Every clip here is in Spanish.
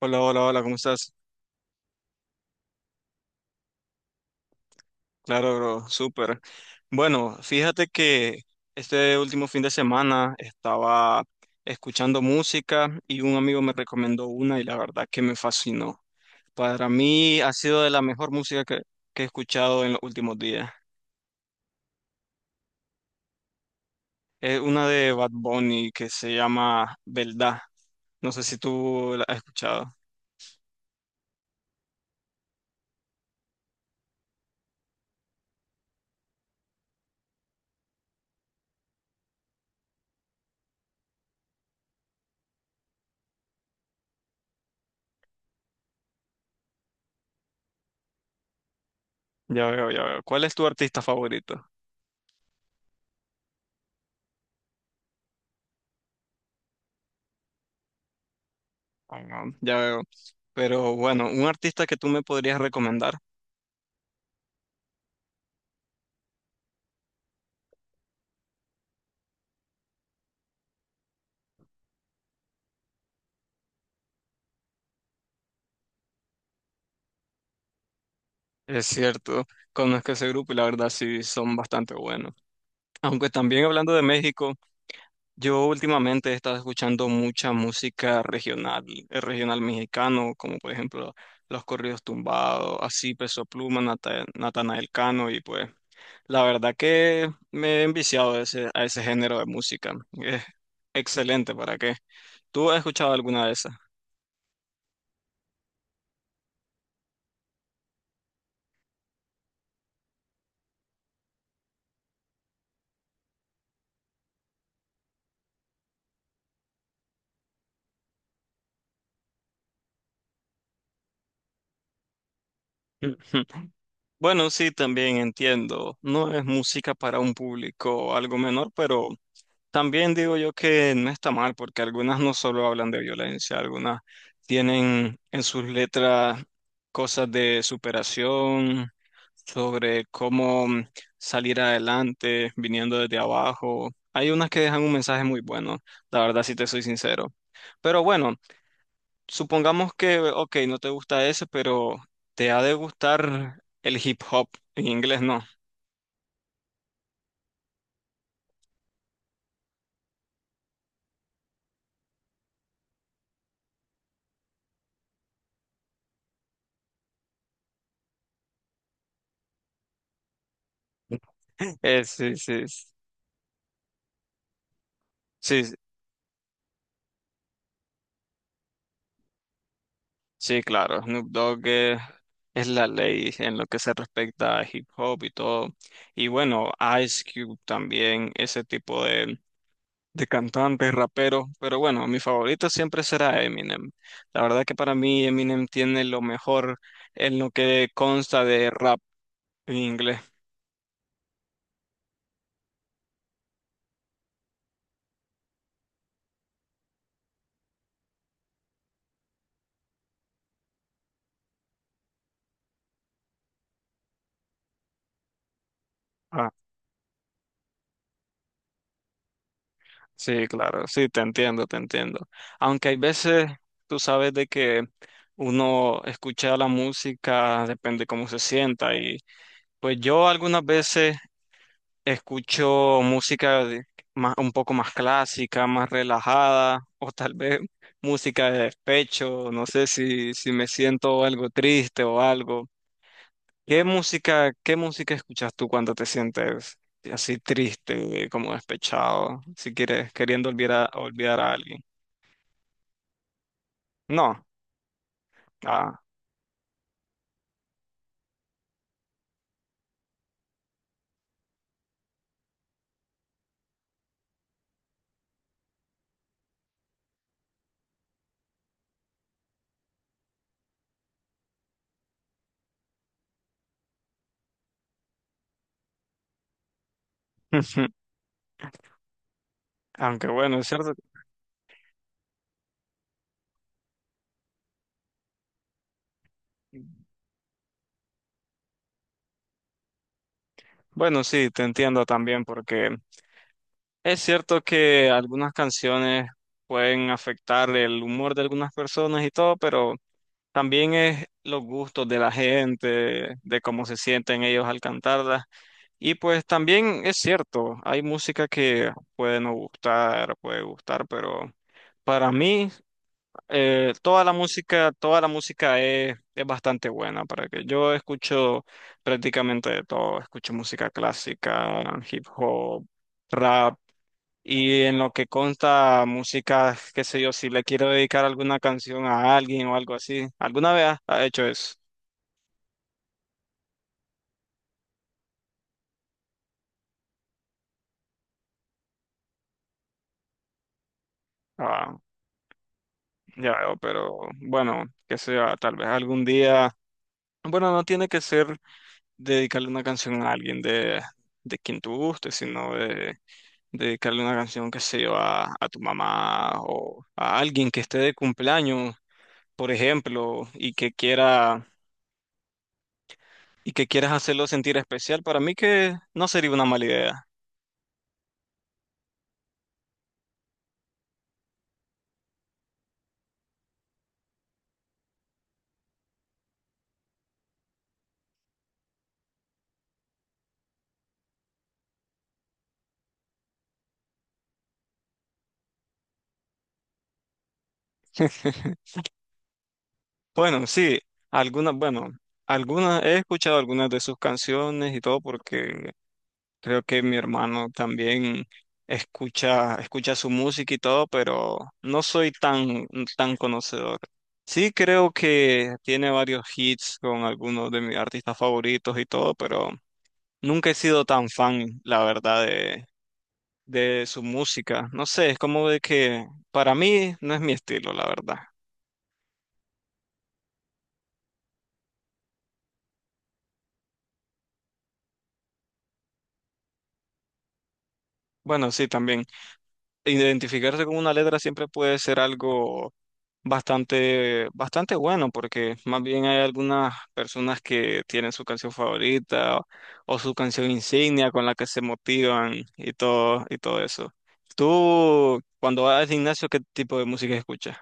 Hola, hola, hola, ¿cómo estás? Claro, bro, súper. Bueno, fíjate que este último fin de semana estaba escuchando música y un amigo me recomendó una y la verdad que me fascinó. Para mí ha sido de la mejor música que he escuchado en los últimos días. Es una de Bad Bunny que se llama Verdad. No sé si tú la has escuchado. Ya veo, ya veo. ¿Cuál es tu artista favorito? Ah, Ya veo. Pero bueno, un artista que tú me podrías recomendar. Es cierto, conozco ese grupo y la verdad sí son bastante buenos. Aunque también hablando de México, yo últimamente he estado escuchando mucha música regional, regional mexicano, como por ejemplo los corridos tumbados, así Peso Pluma, Natanael Cano y pues la verdad que me he enviciado a ese género de música. Es excelente, ¿para qué? ¿Tú has escuchado alguna de esas? Bueno, sí, también entiendo. No es música para un público algo menor, pero también digo yo que no está mal, porque algunas no solo hablan de violencia, algunas tienen en sus letras cosas de superación, sobre cómo salir adelante viniendo desde abajo. Hay unas que dejan un mensaje muy bueno, la verdad, si te soy sincero. Pero bueno. Supongamos que, ok, no te gusta ese, pero te ha de gustar el hip hop. En inglés no. Sí, sí, sí, sí, sí, claro. Snoop Dogg, es la ley en lo que se respecta a hip hop y todo. Y bueno, Ice Cube también, ese tipo de cantantes, raperos. Pero bueno, mi favorito siempre será Eminem. La verdad que para mí Eminem tiene lo mejor en lo que consta de rap en inglés. Ah, Sí, claro, sí, te entiendo, te entiendo. Aunque hay veces, tú sabes de que uno escucha la música, depende cómo se sienta. Y pues yo algunas veces escucho música más, un poco más clásica, más relajada, o tal vez música de despecho, no sé si me siento algo triste o algo. ¿Qué música escuchas tú cuando te sientes así triste, como despechado, si quieres, queriendo olvidar olvidar a alguien? No. Ah. Aunque bueno, es cierto. Bueno, sí, te entiendo también porque es cierto que algunas canciones pueden afectar el humor de algunas personas y todo, pero también es los gustos de la gente, de cómo se sienten ellos al cantarlas. Y pues también es cierto, hay música que puede no gustar, puede gustar, pero para mí, toda la música es bastante buena para que yo escucho prácticamente de todo, escucho música clásica, hip hop, rap y en lo que consta música, qué sé yo, si le quiero dedicar alguna canción a alguien o algo así, ¿alguna vez ha hecho eso? Ah, ya veo, pero bueno, que sea tal vez algún día. Bueno, no tiene que ser dedicarle una canción a alguien de quien tú guste, sino de, dedicarle una canción que se a tu mamá o a alguien que esté de cumpleaños, por ejemplo, y que quieras hacerlo sentir especial. Para mí que no sería una mala idea. Bueno, sí, algunas, bueno, algunas he escuchado algunas de sus canciones y todo porque creo que mi hermano también escucha su música y todo, pero no soy tan conocedor. Sí creo que tiene varios hits con algunos de mis artistas favoritos y todo, pero nunca he sido tan fan, la verdad, de su música. No sé, es como de que para mí no es mi estilo, la verdad. Bueno, sí, también. Identificarse con una letra siempre puede ser algo bastante bueno, porque más bien hay algunas personas que tienen su canción favorita o su canción insignia con la que se motivan y todo eso. Tú, cuando vas al gimnasio, ¿qué tipo de música escuchas?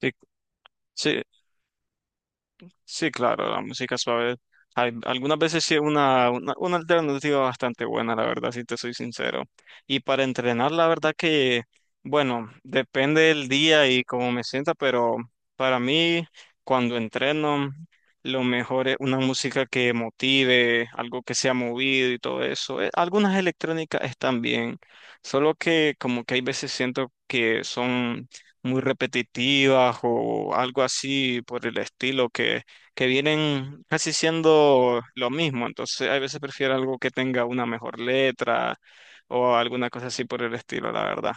Sí, sí, sí, claro, la música suave. Algunas veces sí es una alternativa bastante buena, la verdad, si te soy sincero. Y para entrenar, la verdad que, bueno, depende del día y cómo me sienta, pero para mí, cuando entreno, lo mejor es una música que motive, algo que sea movido y todo eso. Algunas electrónicas están bien, solo que como que hay veces siento que son muy repetitivas o algo así por el estilo que vienen casi siendo lo mismo. Entonces, a veces prefiero algo que tenga una mejor letra o alguna cosa así por el estilo, la verdad.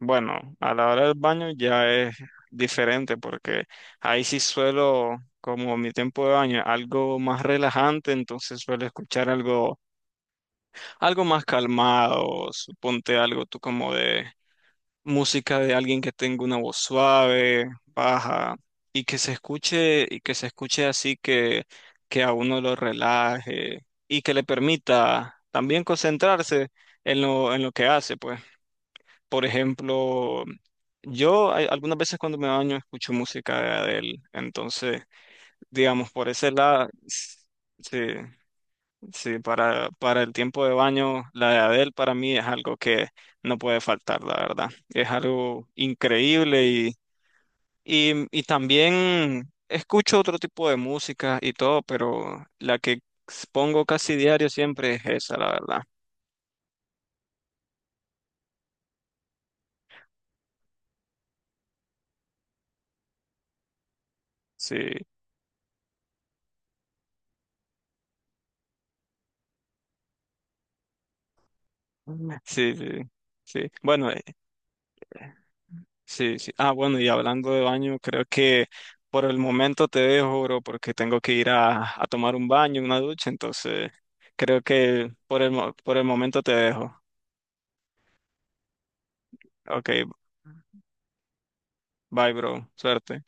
Bueno, a la hora del baño ya es diferente porque ahí sí suelo, como mi tiempo de baño, algo más relajante, entonces suelo escuchar algo más calmado, suponte algo tú como de música de alguien que tenga una voz suave, baja, y que se escuche así que a uno lo relaje y que le permita también concentrarse en en lo que hace, pues. Por ejemplo, yo algunas veces cuando me baño escucho música de Adele, entonces, digamos, por ese lado, sí. Sí, para el tiempo de baño, la de Adele para mí es algo que no puede faltar, la verdad. Es algo increíble y también escucho otro tipo de música y todo, pero la que pongo casi diario siempre es esa, la verdad. Sí. Mm. Sí, sí, sí. Bueno, sí, sí. Ah, bueno, y hablando de baño, creo que por el momento te dejo, bro, porque tengo que ir a tomar un baño, una ducha, entonces creo que por el, por el momento te dejo. Ok, bye, bro. Suerte.